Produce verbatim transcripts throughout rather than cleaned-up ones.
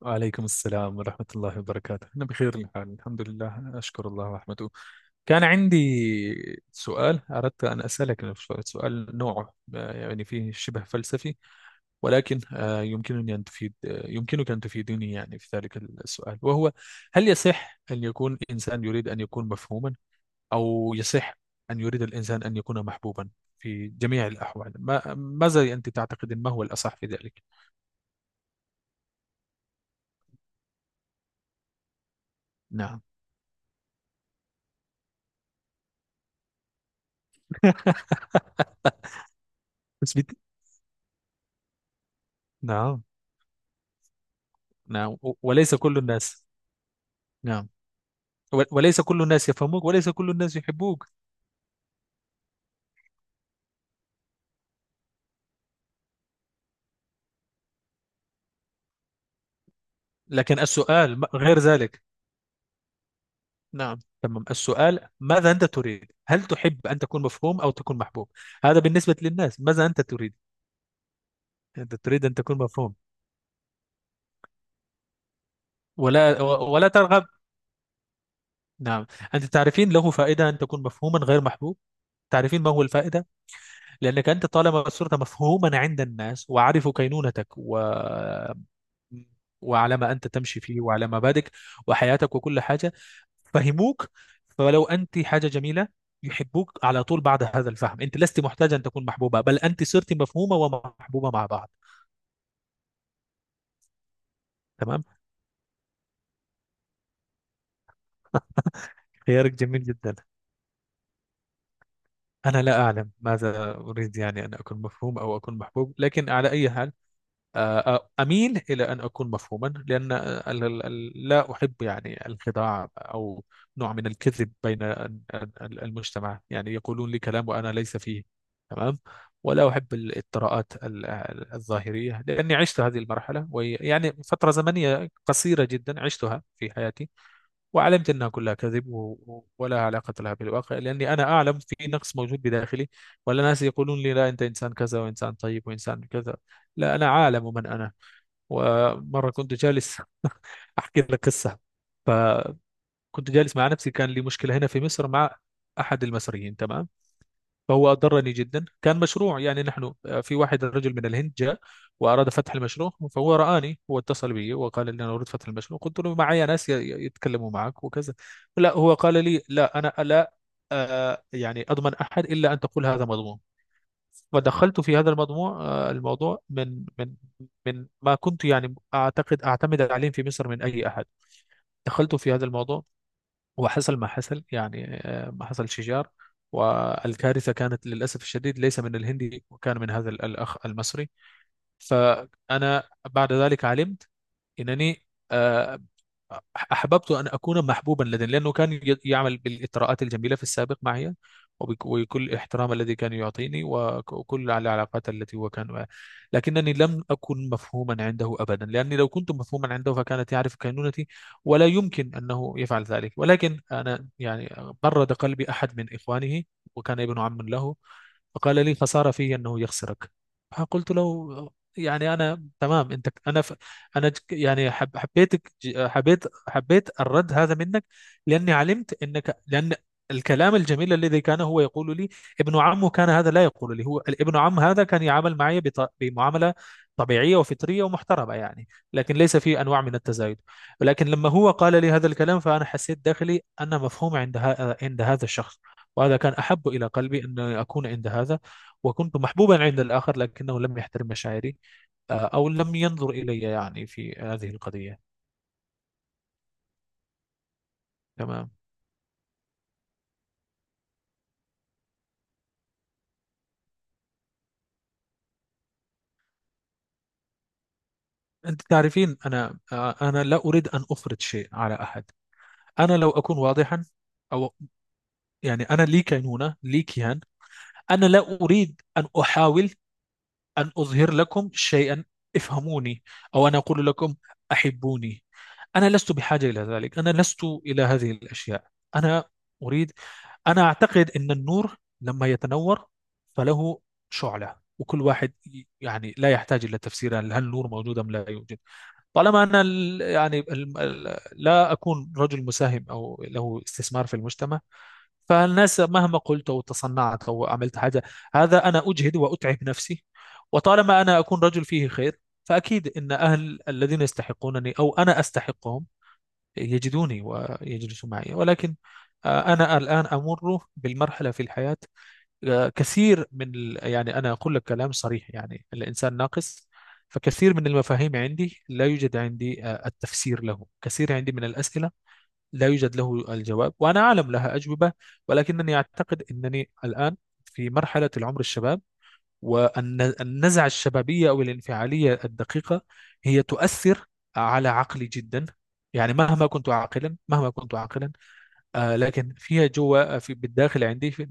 وعليكم السلام ورحمة الله وبركاته. أنا بخير الحال، الحمد لله، أشكر الله ورحمته. كان عندي سؤال أردت أن أسألك، سؤال نوعه آه، يعني فيه شبه فلسفي. ولكن آه، يمكنني أن تفيد آه، يمكنك أن تفيدني يعني في ذلك السؤال، وهو: هل يصح أن يكون إنسان يريد أن يكون مفهوما، أو يصح أن يريد الإنسان أن يكون محبوبا؟ في جميع الأحوال، ما ماذا أنت تعتقد؟ ما هو الأصح في ذلك؟ نعم. بس بت... نعم، نعم. وليس كل الناس. نعم. و- وليس كل الناس يفهموك، وليس كل الناس يحبوك. لكن السؤال م- غير ذلك. نعم، تمام. السؤال: ماذا أنت تريد؟ هل تحب أن تكون مفهوم أو تكون محبوب؟ هذا بالنسبة للناس، ماذا أنت تريد؟ أنت تريد أن تكون مفهوم، ولا و- ولا ترغب؟ نعم. أنت تعرفين، له فائدة أن تكون مفهوما غير محبوب. تعرفين ما هو الفائدة؟ لأنك أنت طالما صرت مفهوما عند الناس، وعرفوا كينونتك و... وعلى ما أنت تمشي فيه وعلى مبادئك وحياتك وكل حاجة، فهموك. فلو أنت حاجة جميلة، يحبوك على طول. بعد هذا الفهم أنت لست محتاجة أن تكون محبوبة، بل أنت صرت مفهومة ومحبوبة مع بعض. تمام. خيارك جميل جدا. أنا لا أعلم ماذا أريد، يعني أن أكون مفهوم أو أكون محبوب، لكن على أي حال آه، آه، أميل إلى أن أكون مفهوما، لأن آه، ال- ال- ال- لا أحب يعني الخداع، أو نوع من الكذب بين ال- ال- المجتمع، يعني يقولون لي كلام وأنا ليس فيه. تمام. ولا أحب الإطراءات ال- ال- الظاهرية، لأني عشت هذه المرحلة، ويعني فترة زمنية قصيرة جدا عشتها في حياتي. وعلمت أنها كلها كذب، و- و- ولا علاقة لها بالواقع، لأني أنا أعلم في نقص موجود بداخلي. ولا ناس يقولون لي: لا، أنت إنسان كذا وإنسان طيب وإنسان كذا. لا، أنا عالم من أنا. ومرة كنت جالس أحكي لك قصة. فكنت جالس مع نفسي، كان لي مشكلة هنا في مصر مع أحد المصريين، تمام. فهو أضرني جدا. كان مشروع، يعني نحن آه، في واحد رجل من الهند جاء وأراد فتح المشروع، فهو رآني، هو اتصل بي وقال لي: أنا أريد فتح المشروع. قلت له: معي ناس ي- ي- يتكلموا معك وكذا. لا، هو قال لي: لا، أنا لا آه، يعني أضمن أحد إلا أن تقول هذا مضمون. ودخلت في هذا الموضوع. آه، الموضوع من من من ما كنت يعني أعتقد أعتمد عليه في مصر من أي أحد. دخلت في هذا الموضوع، وحصل ما حصل، يعني آه، ما حصل شجار. والكارثة كانت للأسف الشديد ليس من الهندي، وكان من هذا الأخ المصري. فأنا بعد ذلك علمت أنني آه، أحببت أن أكون محبوبا لديه، لأنه كان ي- يعمل بالإطراءات الجميلة في السابق معي، وبك- وكل الاحترام الذي كان يعطيني، وك- وكل العلاقات التي هو كان معي. لكنني لم أكن مفهوما عنده أبدا، لأني لو كنت مفهوما عنده فكانت يعرف كينونتي، ولا يمكن أنه يفعل ذلك. ولكن أنا يعني برد قلبي أحد من إخوانه، وكان ابن عم له. فقال لي: خسارة فيه أنه يخسرك. فقلت له: يعني أنا تمام أنت أنا، انا ج- يعني حب حبيتك ج- حبيت حبيت الرد هذا منك، لاني علمت انك لان الكلام الجميل الذي كان هو يقول لي، ابن عمه كان هذا لا يقول لي، هو ابن عم هذا كان يعامل معي بط- بمعامله طبيعيه وفطريه ومحترمه، يعني لكن ليس في انواع من التزايد. ولكن لما هو قال لي هذا الكلام، فانا حسيت داخلي انا مفهوم عند ه- عند هذا الشخص، وهذا كان احب الى قلبي ان اكون عند هذا. وكنت محبوبا عند الاخر، لكنه لم يحترم مشاعري، آه، أو لم ينظر إلي يعني في هذه القضية. تمام. أنت تعرفين، أنا آه، أنا لا أريد أن أفرض شيء على أحد. أنا لو أكون واضحا، أو يعني أنا لي كينونة، لي كيان. أنا لا أريد أن أحاول أن أظهر لكم شيئا: افهموني، أو أنا أقول لكم: أحبوني. أنا لست بحاجة إلى ذلك، أنا لست إلى هذه الأشياء. أنا أريد، أنا أعتقد أن النور لما يتنور فله شعلة، وكل واحد ي- يعني لا يحتاج إلى تفسير، هل هل النور موجود أم لا يوجد. طالما أنا ال- يعني ال- ال- لا أكون رجل مساهم أو له استثمار في المجتمع، فالناس مهما قلت أو تصنعت أو عملت حاجة، هذا أنا أجهد وأتعب نفسي. وطالما أنا أكون رجل فيه خير، فأكيد أن أهل الذين يستحقونني أو أنا أستحقهم يجدوني ويجلسوا معي. ولكن آه، أنا الآن أمر بالمرحلة في الحياة. آه، كثير من ال- يعني أنا أقول لك كلام صريح، يعني الإنسان ناقص. فكثير من المفاهيم عندي لا يوجد عندي آه، التفسير له، كثير عندي من الأسئلة لا يوجد له الجواب، وأنا أعلم لها أجوبة. ولكنني أعتقد أنني الآن في مرحلة العمر الشباب، والنزعة الشبابية أو الانفعالية الدقيقة هي تؤثر على عقلي جدا. يعني مهما كنت عاقلا، مهما كنت عاقلا، آه لكن فيها جوا في بالداخل عندي في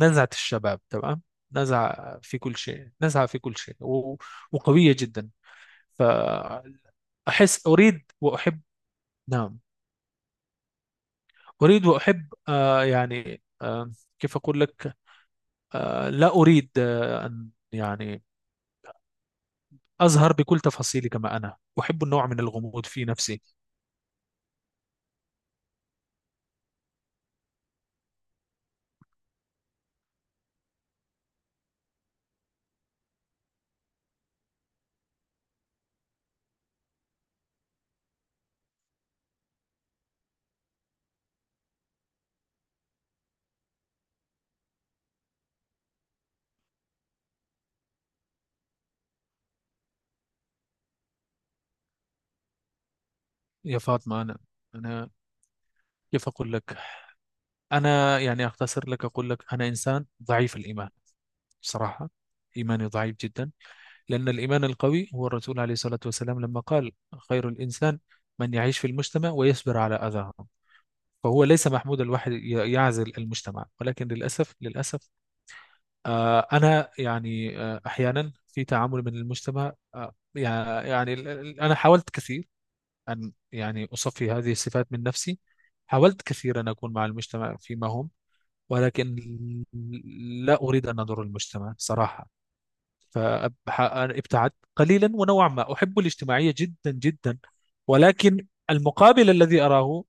نزعة الشباب، تمام. نزعة في كل شيء، نزعة في كل شيء، و- وقوية جدا. فأحس أريد وأحب. نعم. أريد وأحب، آه يعني آه كيف أقول لك. آه لا أريد آه أن يعني أزهر بكل تفاصيله، كما أنا أحب النوع من الغموض في نفسي. يا فاطمة، أنا، أنا، كيف أقول لك؟ أنا يعني أختصر لك، أقول لك: أنا إنسان ضعيف الإيمان، صراحة. إيماني ضعيف جدا، لأن الإيمان القوي هو الرسول عليه الصلاة والسلام لما قال: خير الإنسان من يعيش في المجتمع ويصبر على أذاهم. فهو ليس محمود الواحد ي- يعزل المجتمع. ولكن للأسف، للأسف، آه، أنا يعني آه، أحيانا في تعامل من المجتمع، آه، يعني يعني ال- ال- أنا حاولت كثير أن يعني أصفي هذه الصفات من نفسي. حاولت كثيرا أن أكون مع المجتمع فيما هم، ولكن لا أريد أن أضر المجتمع صراحة. فابتعدت قليلا، ونوعا ما أحب الاجتماعية جدا جدا، ولكن المقابل الذي أراه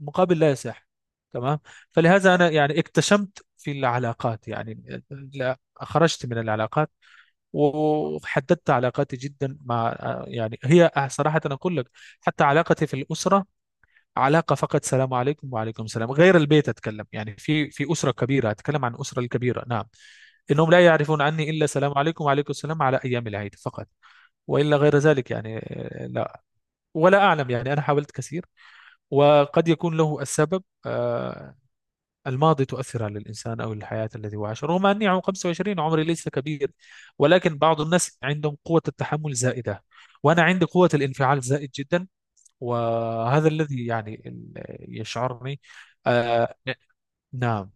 مقابل لا يصح، تمام. فلهذا أنا يعني اكتشمت في العلاقات، يعني لا، خرجت من العلاقات وحددت علاقاتي جدا. مع، يعني هي صراحة أقول لك، حتى علاقتي في الأسرة علاقة فقط سلام عليكم وعليكم السلام. غير البيت أتكلم، يعني في في أسرة كبيرة، أتكلم عن أسرة الكبيرة، نعم. إنهم لا يعرفون عني إلا سلام عليكم وعليكم السلام على أيام العيد فقط. وإلا غير ذلك يعني آه، لا. ولا أعلم، يعني أنا حاولت كثير، وقد يكون له السبب آه، الماضي تؤثر على الإنسان، أو الحياة التي هو عاش، رغم أني عمري خمسة وعشرين، عمري ليس كبير. ولكن بعض الناس عندهم قوة التحمل زائدة، وأنا عندي قوة الانفعال زائد جدا. وهذا الذي يعني ال- يشعرني، آه نعم،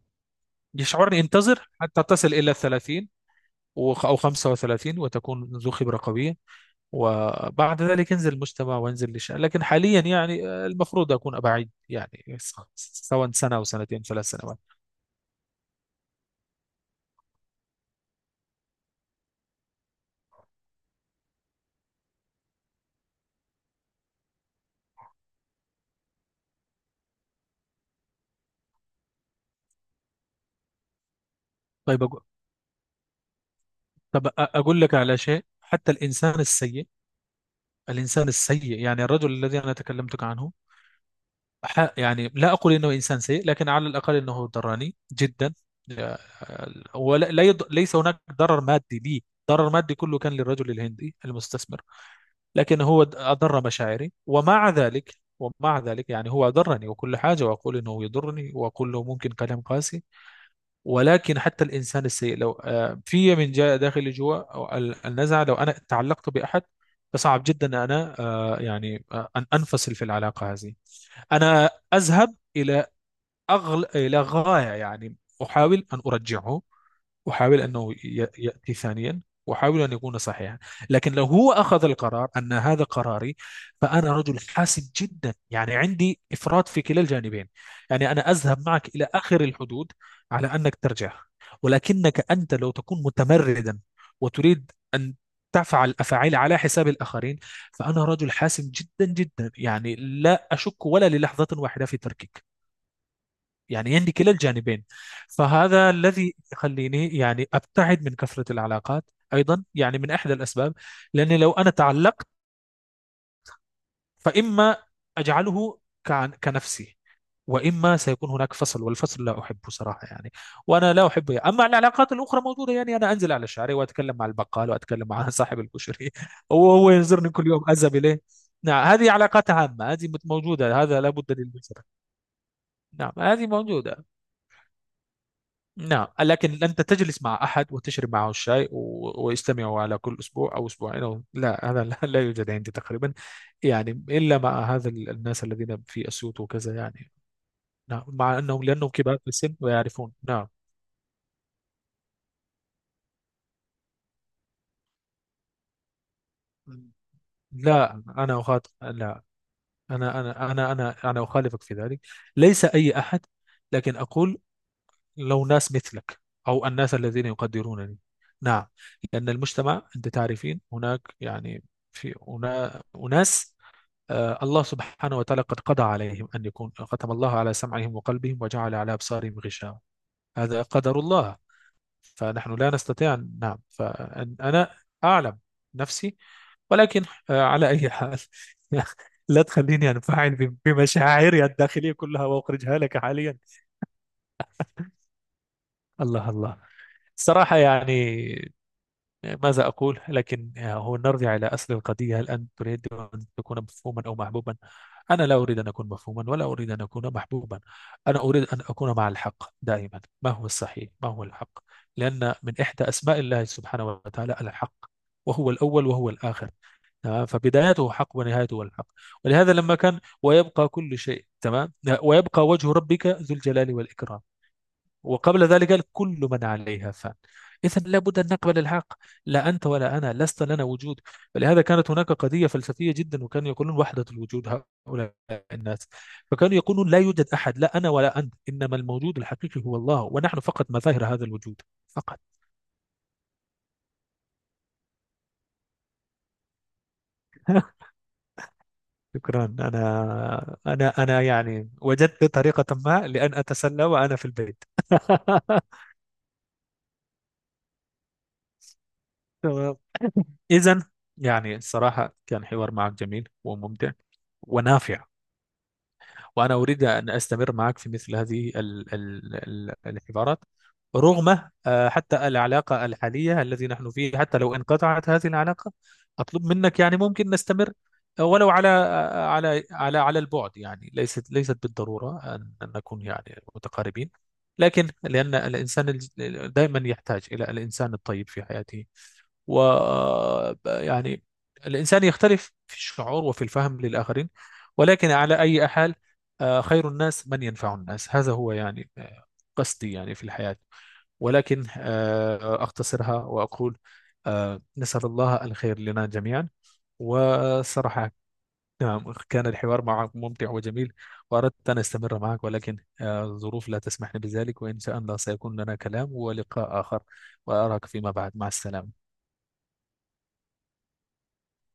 يشعرني: انتظر حتى تصل إلى الثلاثين، وخ- أو خمسة وثلاثين، وتكون ذو خبرة قوية. وبعد ذلك ينزل المجتمع وينزل الشأن، لكن حاليا يعني آه، المفروض أكون أبعد، يعني س- سواء سنة أو سنتين، ثلاث سنوات. طيب أقول، طب أ- أقول لك على شيء. حتى الإنسان السيء، الإنسان السيء يعني الرجل الذي أنا تكلمتك عنه، ح- يعني لا أقول إنه إنسان سيء، لكن على الأقل إنه دراني جدا. ولا، لا يض... ليس هناك ضرر مادي لي، ضرر مادي كله كان للرجل الهندي المستثمر. لكن هو د- أضر مشاعري. ومع ذلك ومع ذلك يعني هو أضرني وكل حاجة، وأقول إنه يضرني، وأقول له ممكن كلام قاسي. ولكن حتى الإنسان السيء، لو آه، في من جاء داخلي جوا أو ال- النزعة، لو أنا تعلقت بأحد فصعب جدا أن أنا آه، يعني آه، أن أنفصل في العلاقة هذه. أنا أذهب إلى أغل، إلى غاية يعني. أحاول أن أرجعه، أحاول أنه ي- يأتي ثانيا، وأحاول أن يكون صحيحا. لكن لو هو أخذ القرار أن هذا قراري، فأنا رجل حاسم جدا، يعني عندي إفراط في كلا الجانبين. يعني أنا أذهب معك إلى آخر الحدود على أنك ترجع، ولكنك أنت لو تكون متمردا وتريد أن تفعل أفعال على حساب الآخرين، فأنا رجل حاسم جدا جدا، يعني لا أشك ولا للحظة واحدة في تركك. يعني عندي كلا الجانبين. فهذا الذي يخليني يعني أبتعد من كثرة العلاقات، أيضا، يعني من إحدى الأسباب. لأني لو أنا تعلقت فإما أجعله كعن- كنفسي، وإما سيكون هناك فصل، والفصل لا أحبه صراحة يعني، وأنا لا أحبه يعني. أما العلاقات الأخرى موجودة، يعني أنا أنزل على الشارع، وأتكلم مع البقال، وأتكلم مع صاحب الكشري وهو ينظرني كل يوم أذهب إليه. نعم، هذه علاقات عامة، هذه موجودة، هذا لابد للبشر. نعم، هذه موجودة. نعم، لكن أنت تجلس مع أحد وتشرب معه الشاي و- ويستمعوا على كل أسبوع أو أسبوعين، أو لا، هذا لا، لا يوجد عندي تقريبا. يعني إلا مع هذا ال- الناس الذين في أسيوط وكذا، يعني. نعم، مع أنهم لأنهم كبار في السن ويعرفون، نعم. لا، أنا أخاطب، لا، أنا أنا أنا أنا أنا أخالفك في ذلك. ليس أي أحد، لكن أقول: لو ناس مثلك، أو الناس الذين يقدرونني. نعم. لأن المجتمع أنت تعرفين هناك يعني، في هنا أناس آه، الله سبحانه وتعالى قد قضى عليهم أن يكون ختم الله على سمعهم وقلبهم، وجعل على أبصارهم غشاوة. هذا قدر الله. فنحن لا نستطيع أن- نعم، فأنا أعلم نفسي. ولكن آه، على أي حال لا تخليني أنفعل بم- بمشاعري الداخلية كلها وأخرجها لك حاليا. الله، الله. صراحة يعني ماذا أقول، لكن آه، هو نرجع إلى أصل القضية: هل أنت تريد أن تكون مفهوما أو محبوبا؟ أنا لا أريد أن أكون مفهوما، ولا أريد أن أكون محبوبا. أنا أريد أن أكون مع الحق دائما، ما هو الصحيح، ما هو الحق. لأن من إحدى أسماء الله سبحانه وتعالى الحق، وهو الأول وهو الآخر. تمام، فبدايته حق ونهايته الحق. ولهذا لما كان، ويبقى كل شيء تمام، ويبقى وجه ربك ذو الجلال والإكرام. وقبل ذلك قال: كل من عليها فان. إذا لابد أن نقبل الحق. لا أنت ولا أنا لست لنا وجود. فلهذا كانت هناك قضية فلسفية جدا، وكانوا يقولون: وحدة الوجود. هؤلاء الناس، فكانوا يقولون: لا يوجد أحد، لا أنا ولا أنت، إنما الموجود الحقيقي هو الله، ونحن فقط مظاهر هذا الوجود فقط. شكرا. أنا أنا أنا يعني وجدت طريقة ما لأن أتسلى وأنا في البيت. تمام. إذا يعني الصراحة كان حوار معك جميل وممتع ونافع، وأنا أريد أن أستمر معك في مثل هذه ال- ال- ال- الحوارات، رغم آه، حتى العلاقة الحالية التي نحن فيه، حتى لو انقطعت هذه العلاقة، أطلب منك يعني ممكن نستمر آه، ولو على آه، على على على البعد، يعني ليست ليست بالضرورة أن أن نكون يعني متقاربين. لكن لأن الإنسان الج- دائما يحتاج إلى الإنسان الطيب في حياته. و آه، يعني الإنسان يختلف في الشعور وفي الفهم للآخرين. ولكن على أي حال، آه، خير الناس من ينفع الناس، هذا هو يعني آه، قصدي يعني في الحياة. ولكن آه، أختصرها وأقول: آه، نسأل الله الخير لنا جميعا. وصراحة نعم، كان الحوار معك ممتع وجميل، وأردت أن أستمر معك، ولكن آه، الظروف لا تسمح لي بذلك، وإن شاء الله سيكون لنا كلام ولقاء آخر. وأراك فيما بعد، مع السلامة.